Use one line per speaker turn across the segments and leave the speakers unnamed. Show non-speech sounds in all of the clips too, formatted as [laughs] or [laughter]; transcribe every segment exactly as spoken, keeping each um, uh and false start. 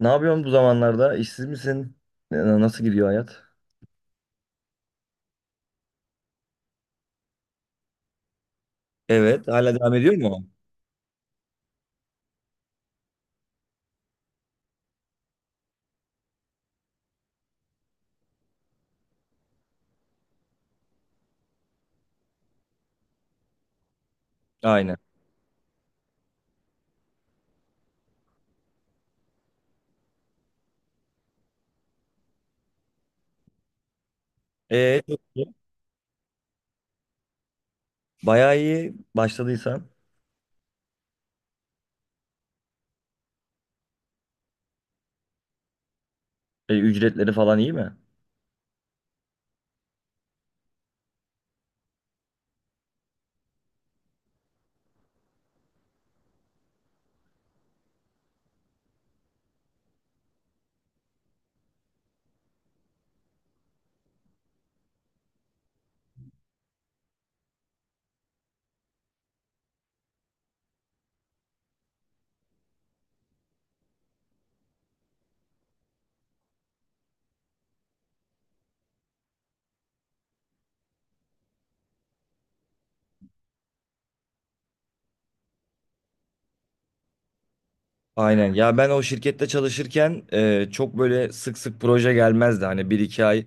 Ne yapıyorsun bu zamanlarda? İşsiz misin? Ee, Nasıl gidiyor hayat? Evet, hala devam ediyor mu? Aynen. Ee, çok iyi. Bayağı iyi başladıysan. E, ücretleri falan iyi mi? Aynen. Ya ben o şirkette çalışırken e, çok böyle sık sık proje gelmezdi. Hani bir iki ay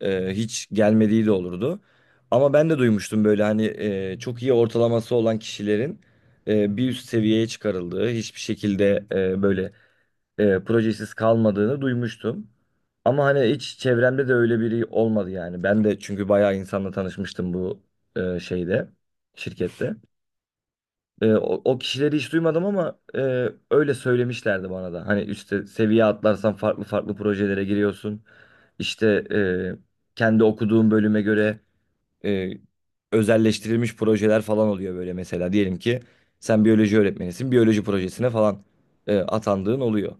e, hiç gelmediği de olurdu. Ama ben de duymuştum böyle hani e, çok iyi ortalaması olan kişilerin e, bir üst seviyeye çıkarıldığı, hiçbir şekilde e, böyle e, projesiz kalmadığını duymuştum. Ama hani hiç çevremde de öyle biri olmadı yani. Ben de çünkü bayağı insanla tanışmıştım bu e, şeyde, şirkette. E, o, o kişileri hiç duymadım ama e, öyle söylemişlerdi bana da. Hani üstte seviye atlarsan farklı farklı projelere giriyorsun. İşte e, kendi okuduğum bölüme göre e, özelleştirilmiş projeler falan oluyor böyle mesela. Diyelim ki sen biyoloji öğretmenisin, biyoloji projesine falan e, atandığın oluyor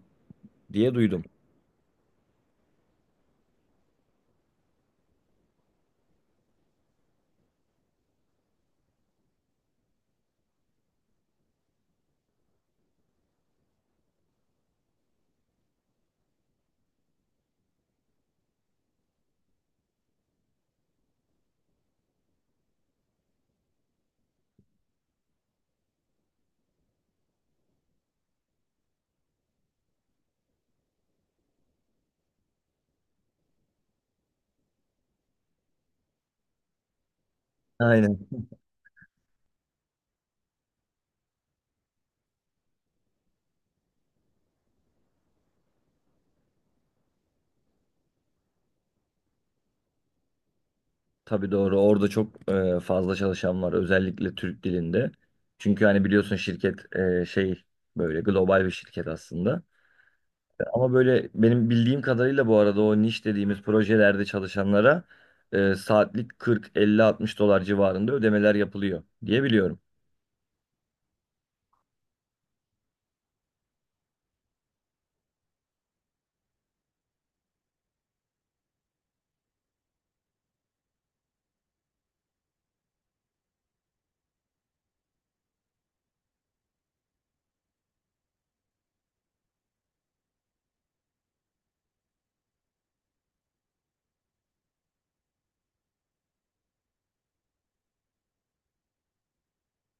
diye duydum. Aynen. Tabii doğru. Orada çok e, fazla çalışan var. Özellikle Türk dilinde. Çünkü hani biliyorsun şirket e, şey böyle global bir şirket aslında. Ama böyle benim bildiğim kadarıyla bu arada o niş dediğimiz projelerde çalışanlara e, saatlik kırk, elli, altmış dolar civarında ödemeler yapılıyor diye biliyorum.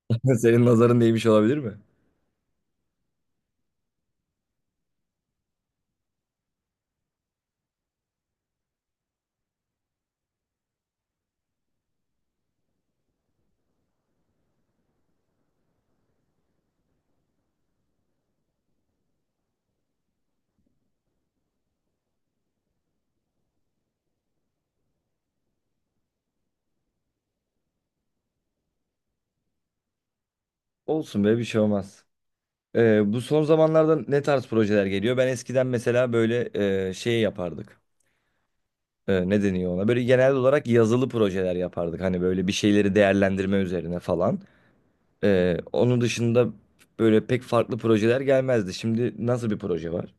[laughs] Senin nazarın değmiş olabilir mi? Olsun be, bir şey olmaz. E, bu son zamanlarda ne tarz projeler geliyor? Ben eskiden mesela böyle e, şey yapardık. E, ne deniyor ona? Böyle genel olarak yazılı projeler yapardık. Hani böyle bir şeyleri değerlendirme üzerine falan. E, onun dışında böyle pek farklı projeler gelmezdi. Şimdi nasıl bir proje var?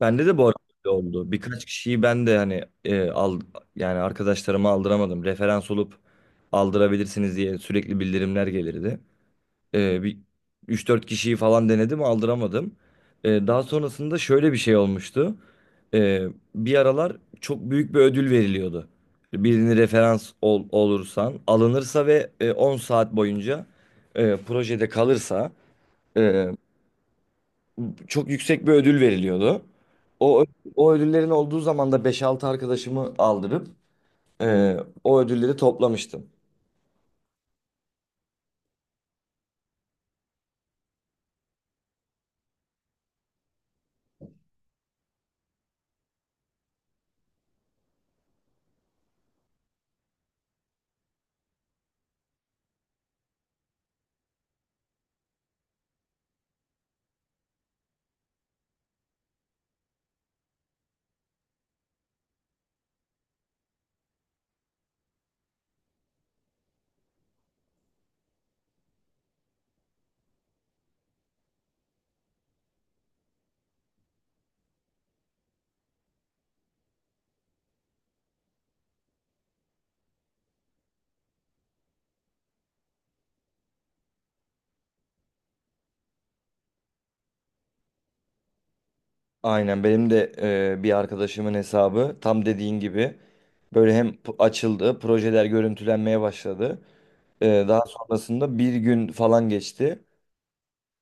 Bende de bu arada öyle oldu. Birkaç kişiyi ben de hani e, al, yani arkadaşlarıma aldıramadım. Referans olup aldırabilirsiniz diye sürekli bildirimler gelirdi. Ee, bir üç dört kişiyi falan denedim aldıramadım. Ee, daha sonrasında şöyle bir şey olmuştu. Ee, Bir aralar çok büyük bir ödül veriliyordu. Birini referans ol- olursan alınırsa ve e, on saat boyunca e, projede kalırsa e, çok yüksek bir ödül veriliyordu. O, ö- o ödüllerin olduğu zaman da beş altı arkadaşımı aldırıp e, o ödülleri toplamıştım. Aynen benim de e, bir arkadaşımın hesabı tam dediğin gibi böyle hem p- açıldı, projeler görüntülenmeye başladı. E, daha sonrasında bir gün falan geçti.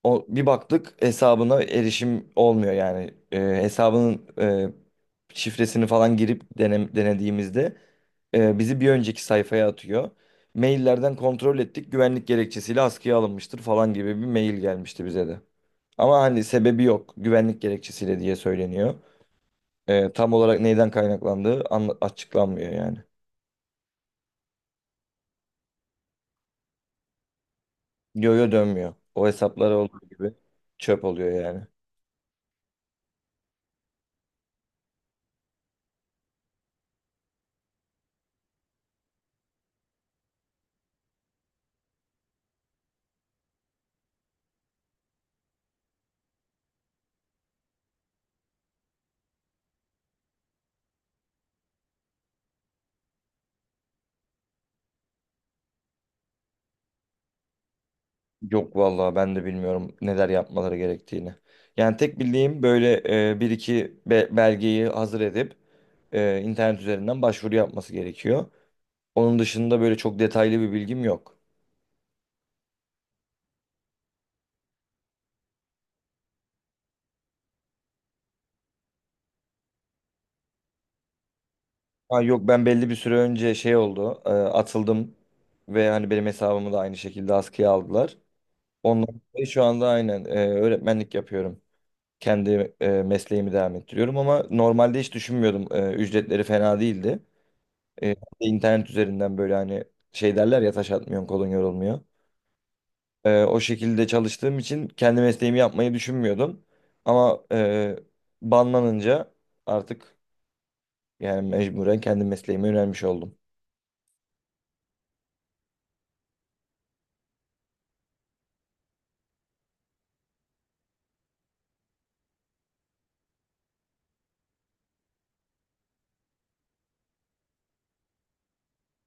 O, bir baktık hesabına erişim olmuyor yani. E, hesabının e, şifresini falan girip denem- denediğimizde e, bizi bir önceki sayfaya atıyor. Maillerden kontrol ettik, güvenlik gerekçesiyle askıya alınmıştır falan gibi bir mail gelmişti bize de. Ama hani sebebi yok, güvenlik gerekçesiyle diye söyleniyor. E, tam olarak neyden kaynaklandığı anla- açıklanmıyor yani. Yo-yo dönmüyor. O hesaplar olduğu gibi çöp oluyor yani. Yok vallahi, ben de bilmiyorum neler yapmaları gerektiğini. Yani tek bildiğim böyle e, bir iki be- belgeyi hazır edip e, internet üzerinden başvuru yapması gerekiyor. Onun dışında böyle çok detaylı bir bilgim yok. Ha, yok, ben belli bir süre önce şey oldu, e, atıldım ve hani benim hesabımı da aynı şekilde askıya aldılar. Ondan dolayı şu anda aynen e, öğretmenlik yapıyorum, kendi e, mesleğimi devam ettiriyorum ama normalde hiç düşünmüyordum. E, ücretleri fena değildi. E, internet üzerinden böyle hani şey derler ya, taş atmıyorsun kolun yorulmuyor. E, o şekilde çalıştığım için kendi mesleğimi yapmayı düşünmüyordum. Ama e, banlanınca artık yani mecburen kendi mesleğime yönelmiş oldum.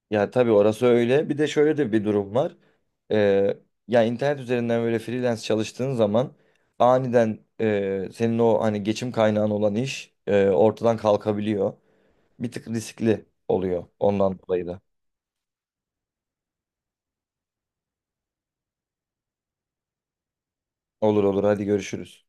Ya tabii orası öyle. Bir de şöyle de bir durum var. Ee, Ya internet üzerinden böyle freelance çalıştığın zaman aniden e, senin o hani geçim kaynağın olan iş e, ortadan kalkabiliyor. Bir tık riskli oluyor ondan dolayı da. Olur olur, hadi görüşürüz.